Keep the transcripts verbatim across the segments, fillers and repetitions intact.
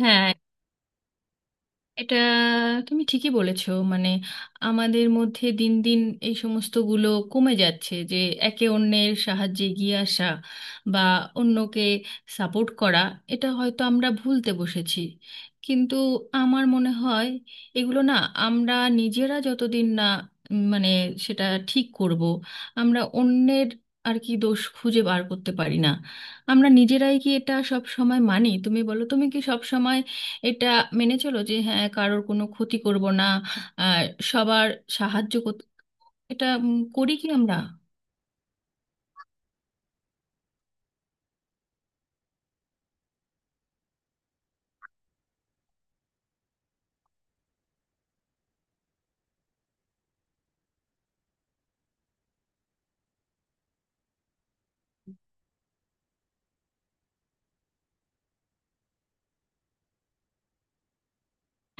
হ্যাঁ, এটা তুমি ঠিকই বলেছো। মানে আমাদের মধ্যে দিন দিন এই সমস্তগুলো কমে যাচ্ছে, যে একে অন্যের সাহায্যে এগিয়ে আসা বা অন্যকে সাপোর্ট করা, এটা হয়তো আমরা ভুলতে বসেছি। কিন্তু আমার মনে হয় এগুলো না, আমরা নিজেরা যতদিন না উম, মানে সেটা ঠিক করব, আমরা অন্যের আর কি দোষ খুঁজে বার করতে পারি না। আমরা নিজেরাই কি এটা সব সময় মানি? তুমি বলো, তুমি কি সব এটা মেনে চলো যে হ্যাঁ কারোর কোনো ক্ষতি করব না আর সবার সাহায্য করতে এটা উম, করি কি আমরা?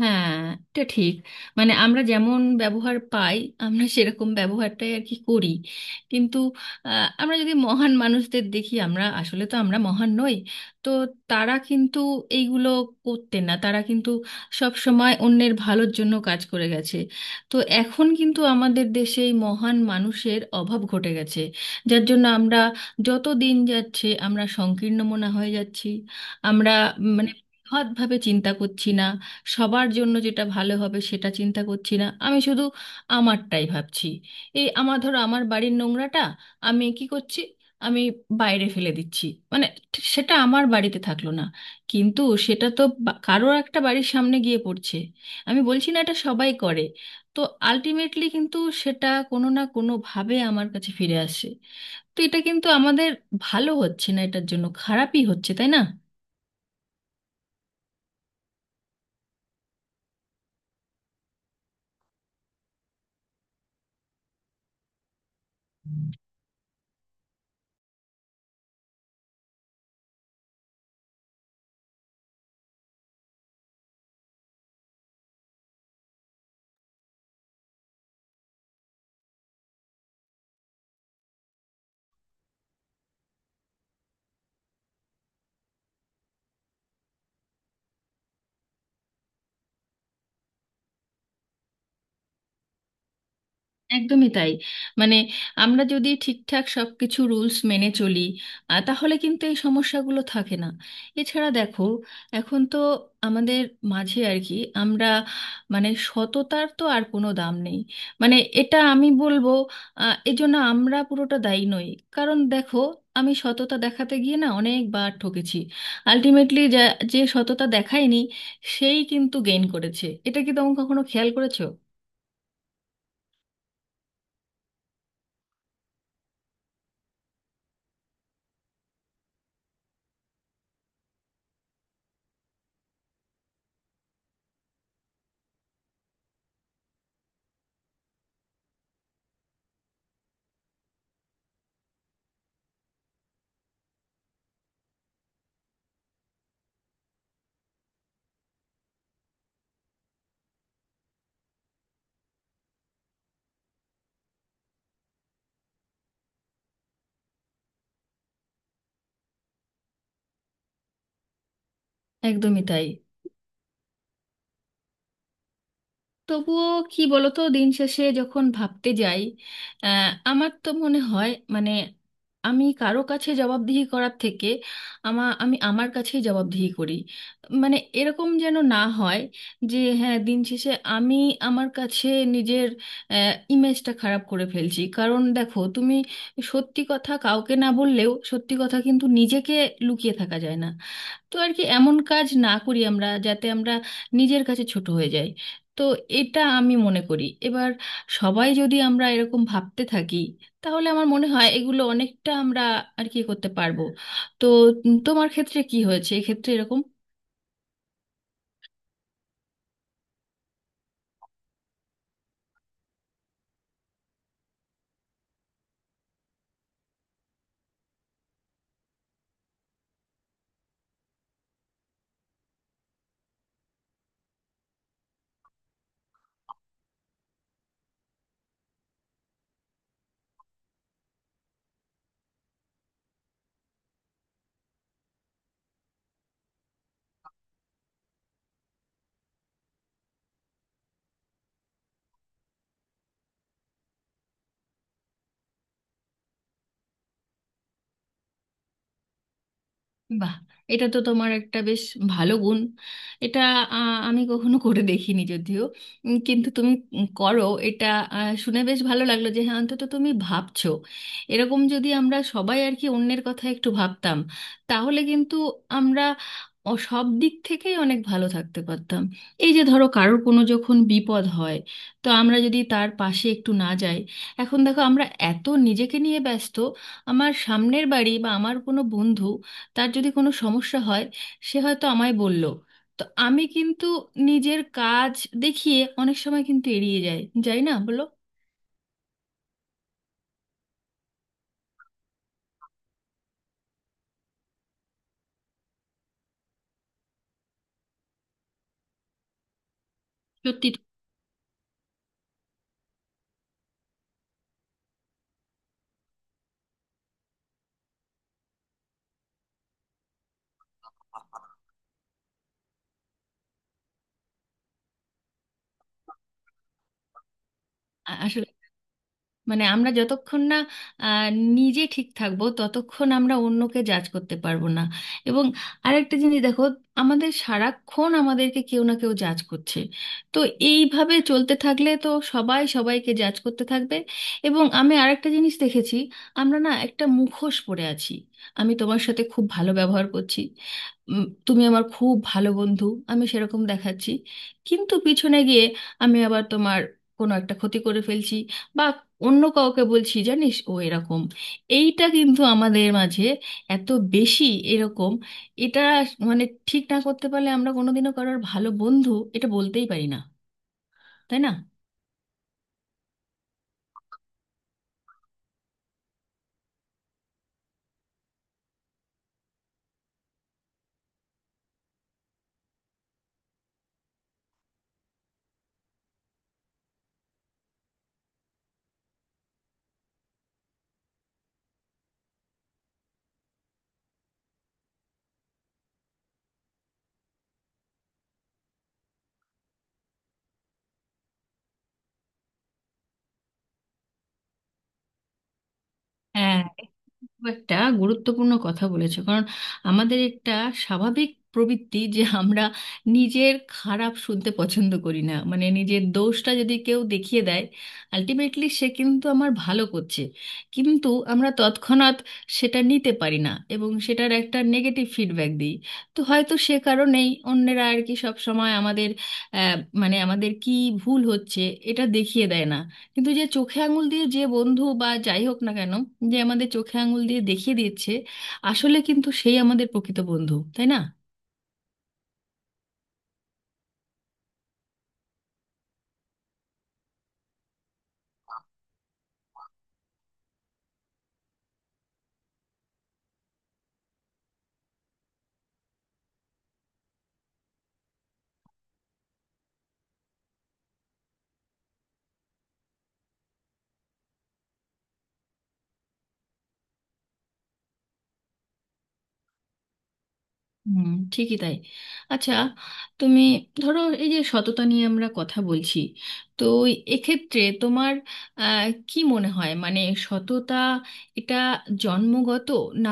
হ্যাঁ, এটা ঠিক। মানে আমরা যেমন ব্যবহার পাই, আমরা সেরকম ব্যবহারটাই আর কি করি। কিন্তু আহ, আমরা যদি মহান মানুষদের দেখি, আমরা আসলে তো আমরা মহান নই। তো তারা কিন্তু এইগুলো করতেন না, তারা কিন্তু সব সময় অন্যের ভালোর জন্য কাজ করে গেছে। তো এখন কিন্তু আমাদের দেশে এই মহান মানুষের অভাব ঘটে গেছে, যার জন্য আমরা, যত দিন যাচ্ছে আমরা সংকীর্ণ মনা হয়ে যাচ্ছি। আমরা মানে বৃহৎভাবে চিন্তা করছি না, সবার জন্য যেটা ভালো হবে সেটা চিন্তা করছি না, আমি শুধু আমারটাই ভাবছি। এই আমার, ধরো, আমার বাড়ির নোংরাটা আমি কি করছি? আমি বাইরে ফেলে দিচ্ছি। মানে ঠিক সেটা আমার বাড়িতে থাকলো না, কিন্তু সেটা তো বা- কারোর একটা বাড়ির সামনে গিয়ে পড়ছে। আমি বলছি না এটা সবাই করে, তো আলটিমেটলি কিন্তু সেটা কোনো না কোনোভাবে আমার কাছে ফিরে আসে। তো এটা কিন্তু আমাদের ভালো হচ্ছে না, এটার জন্য খারাপই হচ্ছে, তাই না? একদমই তাই। মানে আমরা যদি ঠিকঠাক সবকিছু রুলস মেনে চলি, আহ, তাহলে কিন্তু এই সমস্যাগুলো থাকে না। এছাড়া দেখো, এখন তো আমাদের মাঝে আর কি আমরা মানে সততার তো আর কোনো দাম নেই। মানে এটা আমি বলবো, আহ, এজন্য আমরা পুরোটা দায়ী নই। কারণ দেখো, আমি সততা দেখাতে গিয়ে না অনেকবার ঠকেছি। আলটিমেটলি যা, যে সততা দেখায়নি, সেই কিন্তু গেইন করেছে। এটা কি তোমরা কখনো খেয়াল করেছো? একদমই তাই। তবুও কি বলতো, দিন শেষে যখন ভাবতে যাই, আহ, আমার তো মনে হয় মানে, আমি কারো কাছে জবাবদিহি করার থেকে আমা আমি আমার কাছেই জবাবদিহি করি। মানে এরকম যেন না হয় যে হ্যাঁ দিন শেষে আমি আমার কাছে নিজের ইমেজটা খারাপ করে ফেলছি। কারণ দেখো, তুমি সত্যি কথা কাউকে না বললেও সত্যি কথা কিন্তু নিজেকে লুকিয়ে থাকা যায় না। তো আর কি এমন কাজ না করি আমরা যাতে আমরা নিজের কাছে ছোট হয়ে যাই। তো এটা আমি মনে করি। এবার সবাই যদি আমরা এরকম ভাবতে থাকি, তাহলে আমার মনে হয় এগুলো অনেকটা আমরা আর কি করতে পারবো। তো উম, তোমার ক্ষেত্রে কি হয়েছে এক্ষেত্রে এরকম? বাহ, এটা তো তোমার একটা বেশ ভালো গুণ এটা। আহ, আমি কখনো করে দেখিনি যদিও, উম, কিন্তু তুমি উম, করো এটা। আহ, শুনে বেশ ভালো লাগলো যে হ্যাঁ অন্তত তুমি ভাবছো। এরকম যদি আমরা সবাই আর কি অন্যের কথা একটু ভাবতাম, তাহলে কিন্তু আমরা অ- সব দিক থেকেই অনেক ভালো থাকতে পারতাম। এই যে ধরো কারোর কোনো যখন বিপদ হয়, তো আমরা যদি তার পাশে একটু না যাই। এখন দেখো, আমরা এত নিজেকে নিয়ে ব্যস্ত। আমার সামনের বাড়ি বা আমার কোনো বন্ধু, তার যদি কোনো সমস্যা হয়, সে হয়তো আমায় বলল, তো আমি কিন্তু নিজের কাজ দেখিয়ে অনেক সময় কিন্তু এড়িয়ে যাই। যাই না বলো? সত্যি তো। আ- আসলে মানে আমরা যতক্ষণ না আহ, নিজে ঠিক থাকবো, ততক্ষণ আমরা অন্যকে জাজ করতে পারবো না। এবং আরেকটা জিনিস দেখো, আমাদের সারাক্ষণ আমাদেরকে কেউ না কেউ জাজ করছে। তো এইভাবে চলতে থাকলে তো সবাই সবাইকে জাজ করতে থাকবে। এবং আমি আরেকটা জিনিস দেখেছি, আমরা না একটা মুখোশ পরে আছি। আমি তোমার সাথে খুব ভালো ব্যবহার করছি, উম, তুমি আমার খুব ভালো বন্ধু, আমি সেরকম দেখাচ্ছি, কিন্তু পিছনে গিয়ে আমি আবার তোমার কোনো একটা ক্ষতি করে ফেলছি বা অন্য কাউকে বলছি, জানিস ও এরকম। এইটা কিন্তু আমাদের মাঝে এত বেশি এরকম, এটা মানে ঠিক না করতে পারলে আমরা কোনোদিনও কারোর ভালো বন্ধু এটা বলতেই পারি না, তাই না? হ্যাঁ, খুব একটা গুরুত্বপূর্ণ কথা বলেছো। কারণ আমাদের একটা স্বাভাবিক প্রবৃত্তি যে আমরা নিজের খারাপ শুনতে পছন্দ করি না। মানে নিজের দোষটা যদি কেউ দেখিয়ে দেয়, আলটিমেটলি সে কিন্তু আমার ভালো করছে, কিন্তু আমরা তৎক্ষণাৎ সেটা নিতে পারি না এবং সেটার একটা নেগেটিভ ফিডব্যাক দিই। তো হয়তো সে কারণেই অন্যেরা আর কি সব সময় আমাদের আহ, মানে আমাদের কি ভুল হচ্ছে এটা দেখিয়ে দেয় না। কিন্তু যে চোখে আঙুল দিয়ে, যে বন্ধু বা যাই হোক না কেন, যে আমাদের চোখে আঙুল দিয়ে দেখিয়ে দিচ্ছে, আসলে কিন্তু সেই আমাদের প্রকৃত বন্ধু, তাই না? হুম, ঠিকই তাই। আচ্ছা, তুমি ধরো এই যে সততা নিয়ে আমরা কথা বলছি, তো এক্ষেত্রে তোমার আহ, কি মনে হয় মানে সততা এটা জন্মগত, না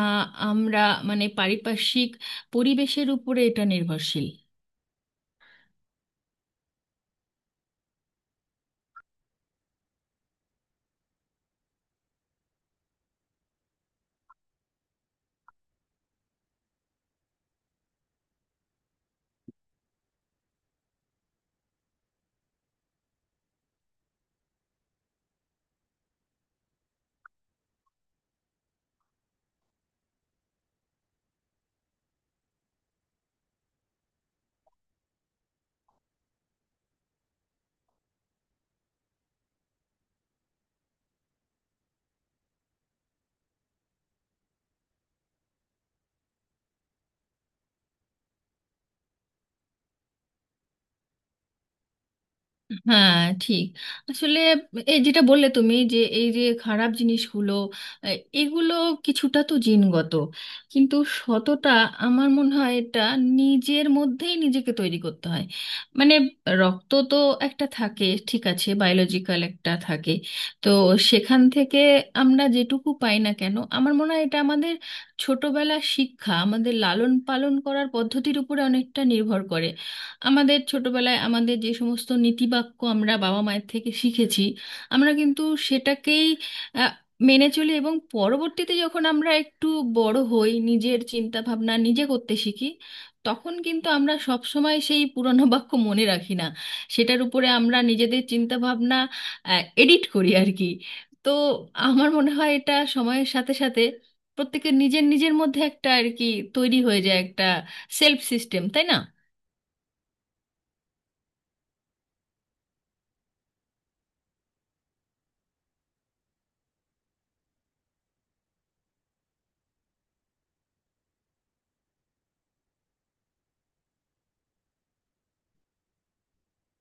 আমরা মানে পারিপার্শ্বিক পরিবেশের উপরে এটা নির্ভরশীল? হ্যাঁ, ঠিক। আসলে এই যেটা বললে তুমি, যে এই যে খারাপ জিনিসগুলো, আহ, এগুলো কিছুটা তো জিনগত, কিন্তু সততা আমার মনে হয় এটা নিজের মধ্যেই নিজেকে তৈরি করতে হয়। মানে রক্ত তো একটা থাকে, ঠিক আছে, বায়োলজিক্যাল একটা থাকে, তো সেখান থেকে আমরা যেটুকু পাই না কেন, আমার মনে হয় এটা আমাদের ছোটবেলা শিক্ষা, আমাদের লালন পালন করার পদ্ধতির উপরে অনেকটা নির্ভর করে। আমাদের ছোটবেলায় আমাদের যে সমস্ত নীতিবাক্য আমরা বাবা মায়ের থেকে শিখেছি, আমরা কিন্তু সেটাকেই আহ, মেনে চলি। এবং পরবর্তীতে যখন আমরা একটু বড় হই, নিজের চিন্তা ভাবনা নিজে করতে শিখি, তখন কিন্তু আমরা সব সময় সেই পুরনো বাক্য মনে রাখি না। সেটার উপরে আমরা নিজেদের চিন্তা ভাবনা এডিট করি আর কি। তো আমার মনে হয় এটা সময়ের সাথে সাথে প্রত্যেকের নিজের নিজের মধ্যে একটা আর কি তৈরি হয়ে যায়, একটা সেলফ সিস্টেম, তাই না?